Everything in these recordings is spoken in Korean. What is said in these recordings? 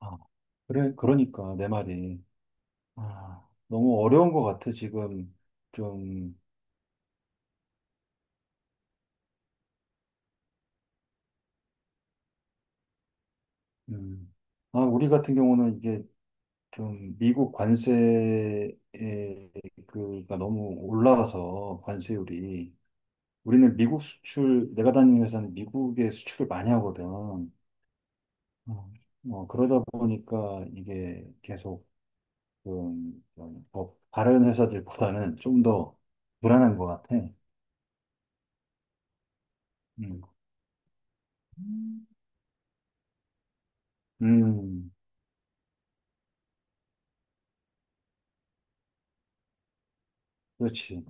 아, 그래, 그러니까, 내 말이. 아, 너무 어려운 것 같아, 지금. 좀, 음. 아, 우리 같은 경우는 이게 좀 미국 관세에, 그가 너무 올라가서, 관세율이. 우리는 미국 수출, 내가 다니는 회사는 미국의 수출을 많이 하거든. 어, 뭐 그러다 보니까 이게 계속, 좀, 좀더 다른 회사들보다는 좀 더 불안한 것 같아. 음. 음. 그렇지,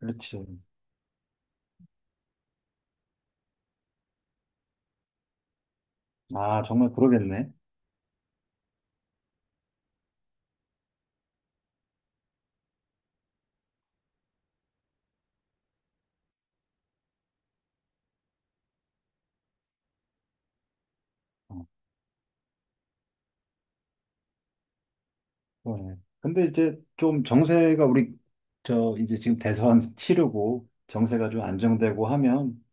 그렇지. 아, 정말 그러겠네. 어, 그러네. 근데 이제 좀 정세가 우리, 저, 이제 지금 대선 치르고 정세가 좀 안정되고 하면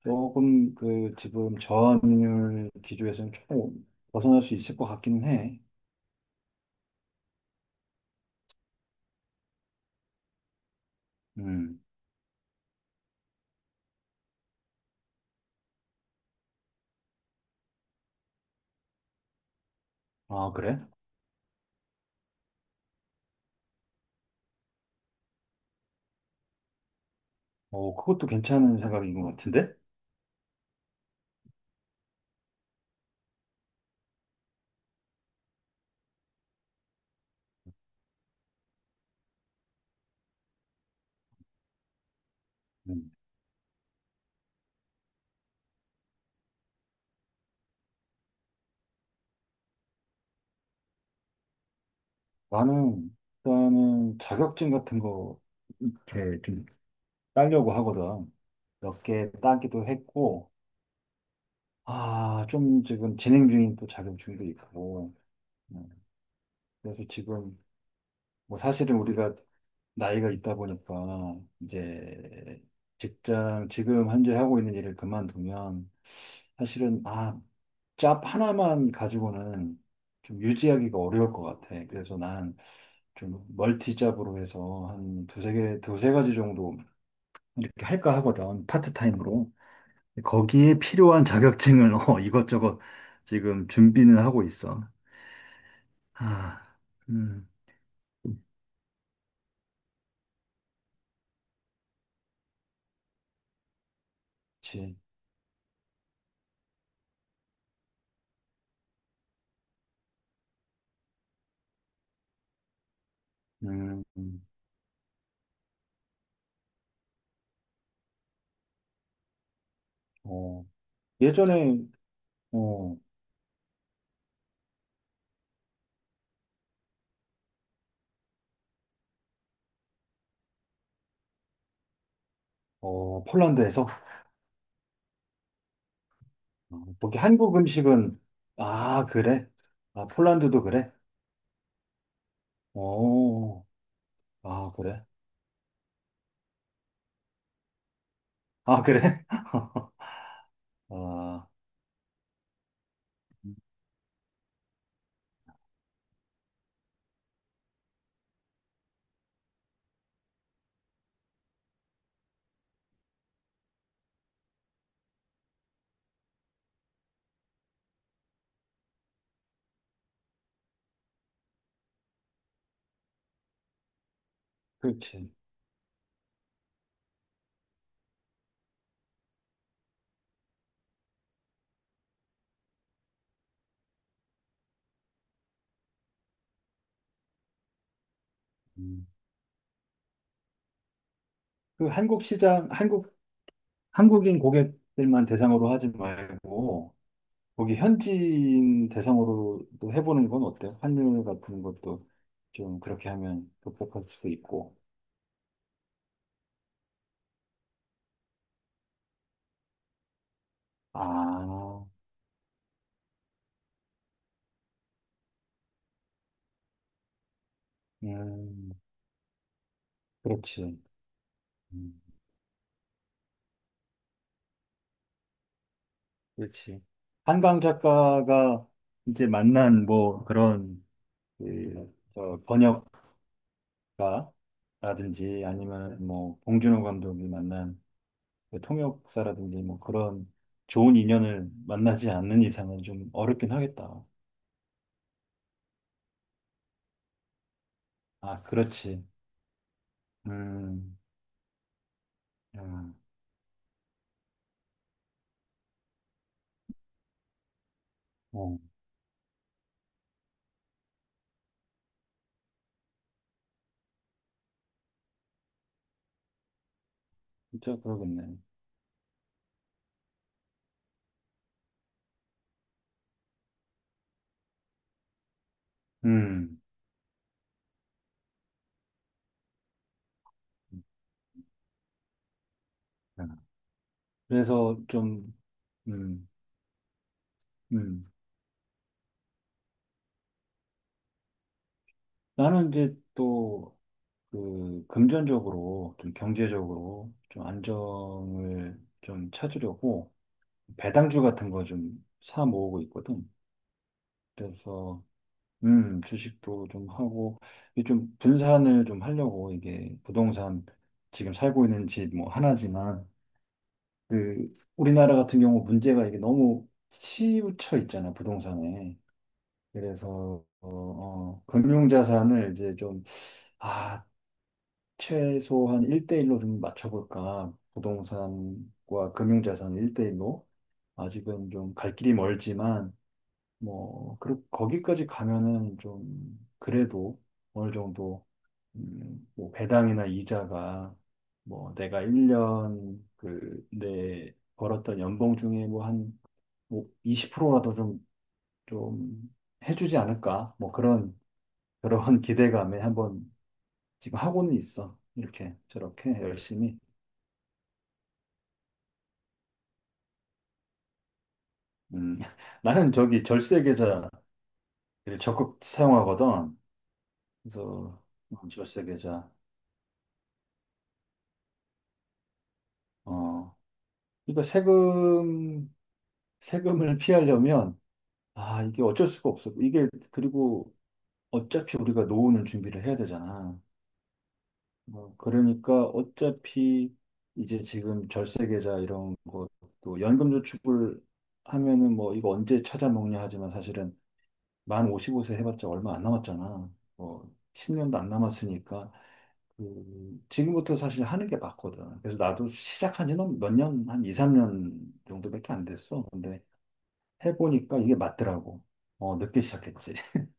조금 그 지금 저항률 기조에서는 조금 벗어날 수 있을 것 같기는 해. 음. 아, 그래? 어, 그것도 괜찮은 생각인 것 같은데? 음. 나는 일단은 자격증 같은 거 이렇게 좀 따려고 하거든. 몇 개 따기도 했고, 좀 지금 진행 중인 또 자격증도 있고, 음, 그래서 지금 뭐 사실은 우리가 나이가 있다 보니까 이제 직장 지금 현재 하고 있는 일을 그만두면 사실은 잡 하나만 가지고는 좀 유지하기가 어려울 것 같아. 그래서 난 좀 멀티 잡으로 해서 한 두세 개, 두세 가지 정도 이렇게 할까 하거든. 파트타임으로. 거기에 필요한 자격증을 이것저것 지금 준비는 하고 있어. 아, 음, 그치. 음, 어, 예전에, 어, 어, 폴란드에서, 어, 거기 한국 음식은, 아, 그래? 아, 폴란드도 그래? 어, 아, 그래? 아, 그래? 아, 그렇지. 음. 그 한국 시장, 한국, 한국인 고객들만 대상으로 하지 말고, 거기 현지인 대상으로도 해보는 건 어때요? 환율 같은 것도 좀 그렇게 하면 복잡할 수도 있고. 아, 음, 그렇지. 음, 그렇지. 한강 작가가 이제 만난 뭐 그런 그, 저 번역가라든지 아니면 뭐 봉준호 감독이 만난 그 통역사라든지 뭐 그런 좋은 인연을 만나지 않는 이상은 좀 어렵긴 하겠다. 아, 그렇지. 음. 음. 어, 진짜 그러겠네. 음. 그래서 좀, 음, 음. 나는 이제 또, 그, 금전적으로, 좀 경제적으로, 좀 안정을 좀 찾으려고, 배당주 같은 거 좀 사 모으고 있거든. 그래서, 주식도 좀 하고, 이게 좀 분산을 좀 하려고, 이게 부동산, 지금 살고 있는 집 뭐 하나지만, 그, 우리나라 같은 경우 문제가 이게 너무 치우쳐 있잖아, 부동산에. 그래서 금융자산을 이제 좀, 아, 최소한 1대1로 좀 맞춰볼까. 부동산과 금융자산 1대1로. 아직은 좀 갈 길이 멀지만, 뭐, 그, 거기까지 가면은 좀, 그래도 어느 정도, 뭐 배당이나 이자가, 뭐, 내가 1년, 그, 내 벌었던 연봉 중에 뭐 한, 뭐, 20%라도 좀, 해주지 않을까. 뭐 그런 기대감에 한번 지금 하고는 있어. 이렇게 저렇게 열심히. 음, 나는 저기 절세 계좌를 적극 사용하거든. 그래서 절세 계좌. 어, 그러니까 세금을 피하려면 이게 어쩔 수가 없어. 이게 그리고 어차피 우리가 노후는 준비를 해야 되잖아. 뭐, 그러니까 어차피 이제 지금 절세 계좌 이런 것도 연금 저축을 하면은 뭐 이거 언제 찾아먹냐 하지만 사실은 만 55세 해봤자 얼마 안 남았잖아. 뭐 10년도 안 남았으니까 그 지금부터 사실 하는 게 맞거든. 그래서 나도 시작한 지는 몇 년, 한 2, 3년 정도밖에 안 됐어. 근데 해보니까 이게 맞더라고. 어, 늦게 시작했지.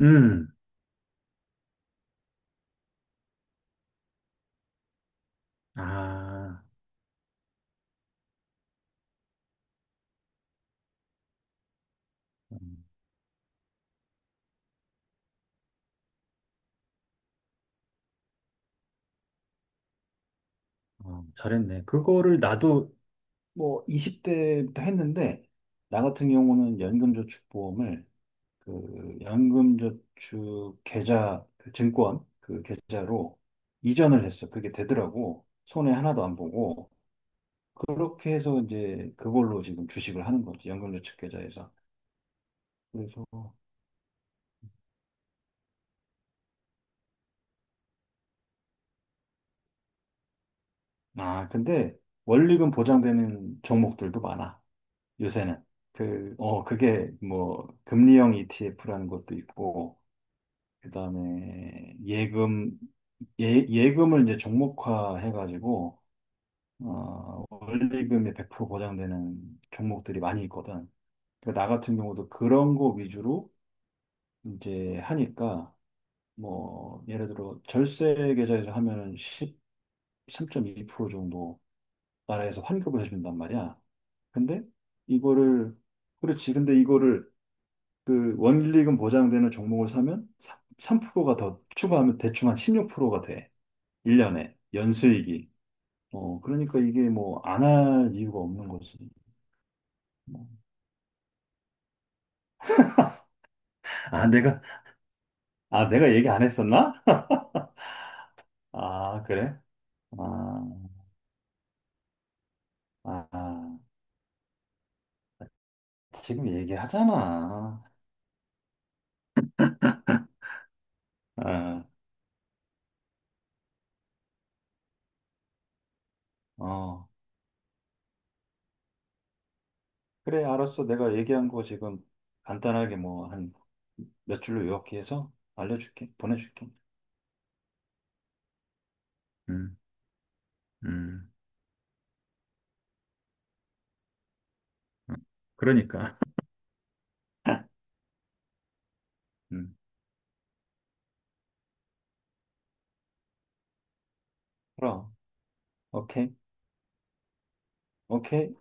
음. 아, 음, 어, 잘했네. 그거를 나도 뭐 20대부터 했는데, 나 같은 경우는 연금저축보험을 그 연금저축 계좌 그 증권 그 계좌로 이전을 했어. 그게 되더라고. 손해 하나도 안 보고 그렇게 해서 이제 그걸로 지금 주식을 하는 거지. 연금저축 계좌에서. 그래서 근데 원리금 보장되는 종목들도 많아. 요새는 그 그게 뭐 금리형 ETF라는 것도 있고 그다음에 예금을 이제 종목화 해가지고 원리금이 100% 보장되는 종목들이 많이 있거든. 그러니까 나 같은 경우도 그런 거 위주로 이제 하니까 뭐 예를 들어 절세 계좌에서 하면 13.2% 정도 나라에서 환급을 해준단 말이야. 근데 이거를 그렇지. 근데 이거를 그 원리금 보장되는 종목을 사면 3%가 더 추가하면 대충 한 16%가 돼. 1년에 연수익이. 어, 그러니까 이게 뭐 안할 이유가 없는 거지. 뭐. 아, 내가 얘기 안 했었나? 아, 그래? 아, 아, 아. 지금 얘기하잖아. 어, 어. 그래, 알았어. 내가 얘기한 거 지금 간단하게 뭐 한 몇 줄로 요약해서 알려줄게. 보내줄게. 음, 음. 음. 그러니까. 음, 그럼. 오케이, 오케이.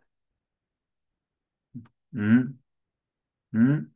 음, 음.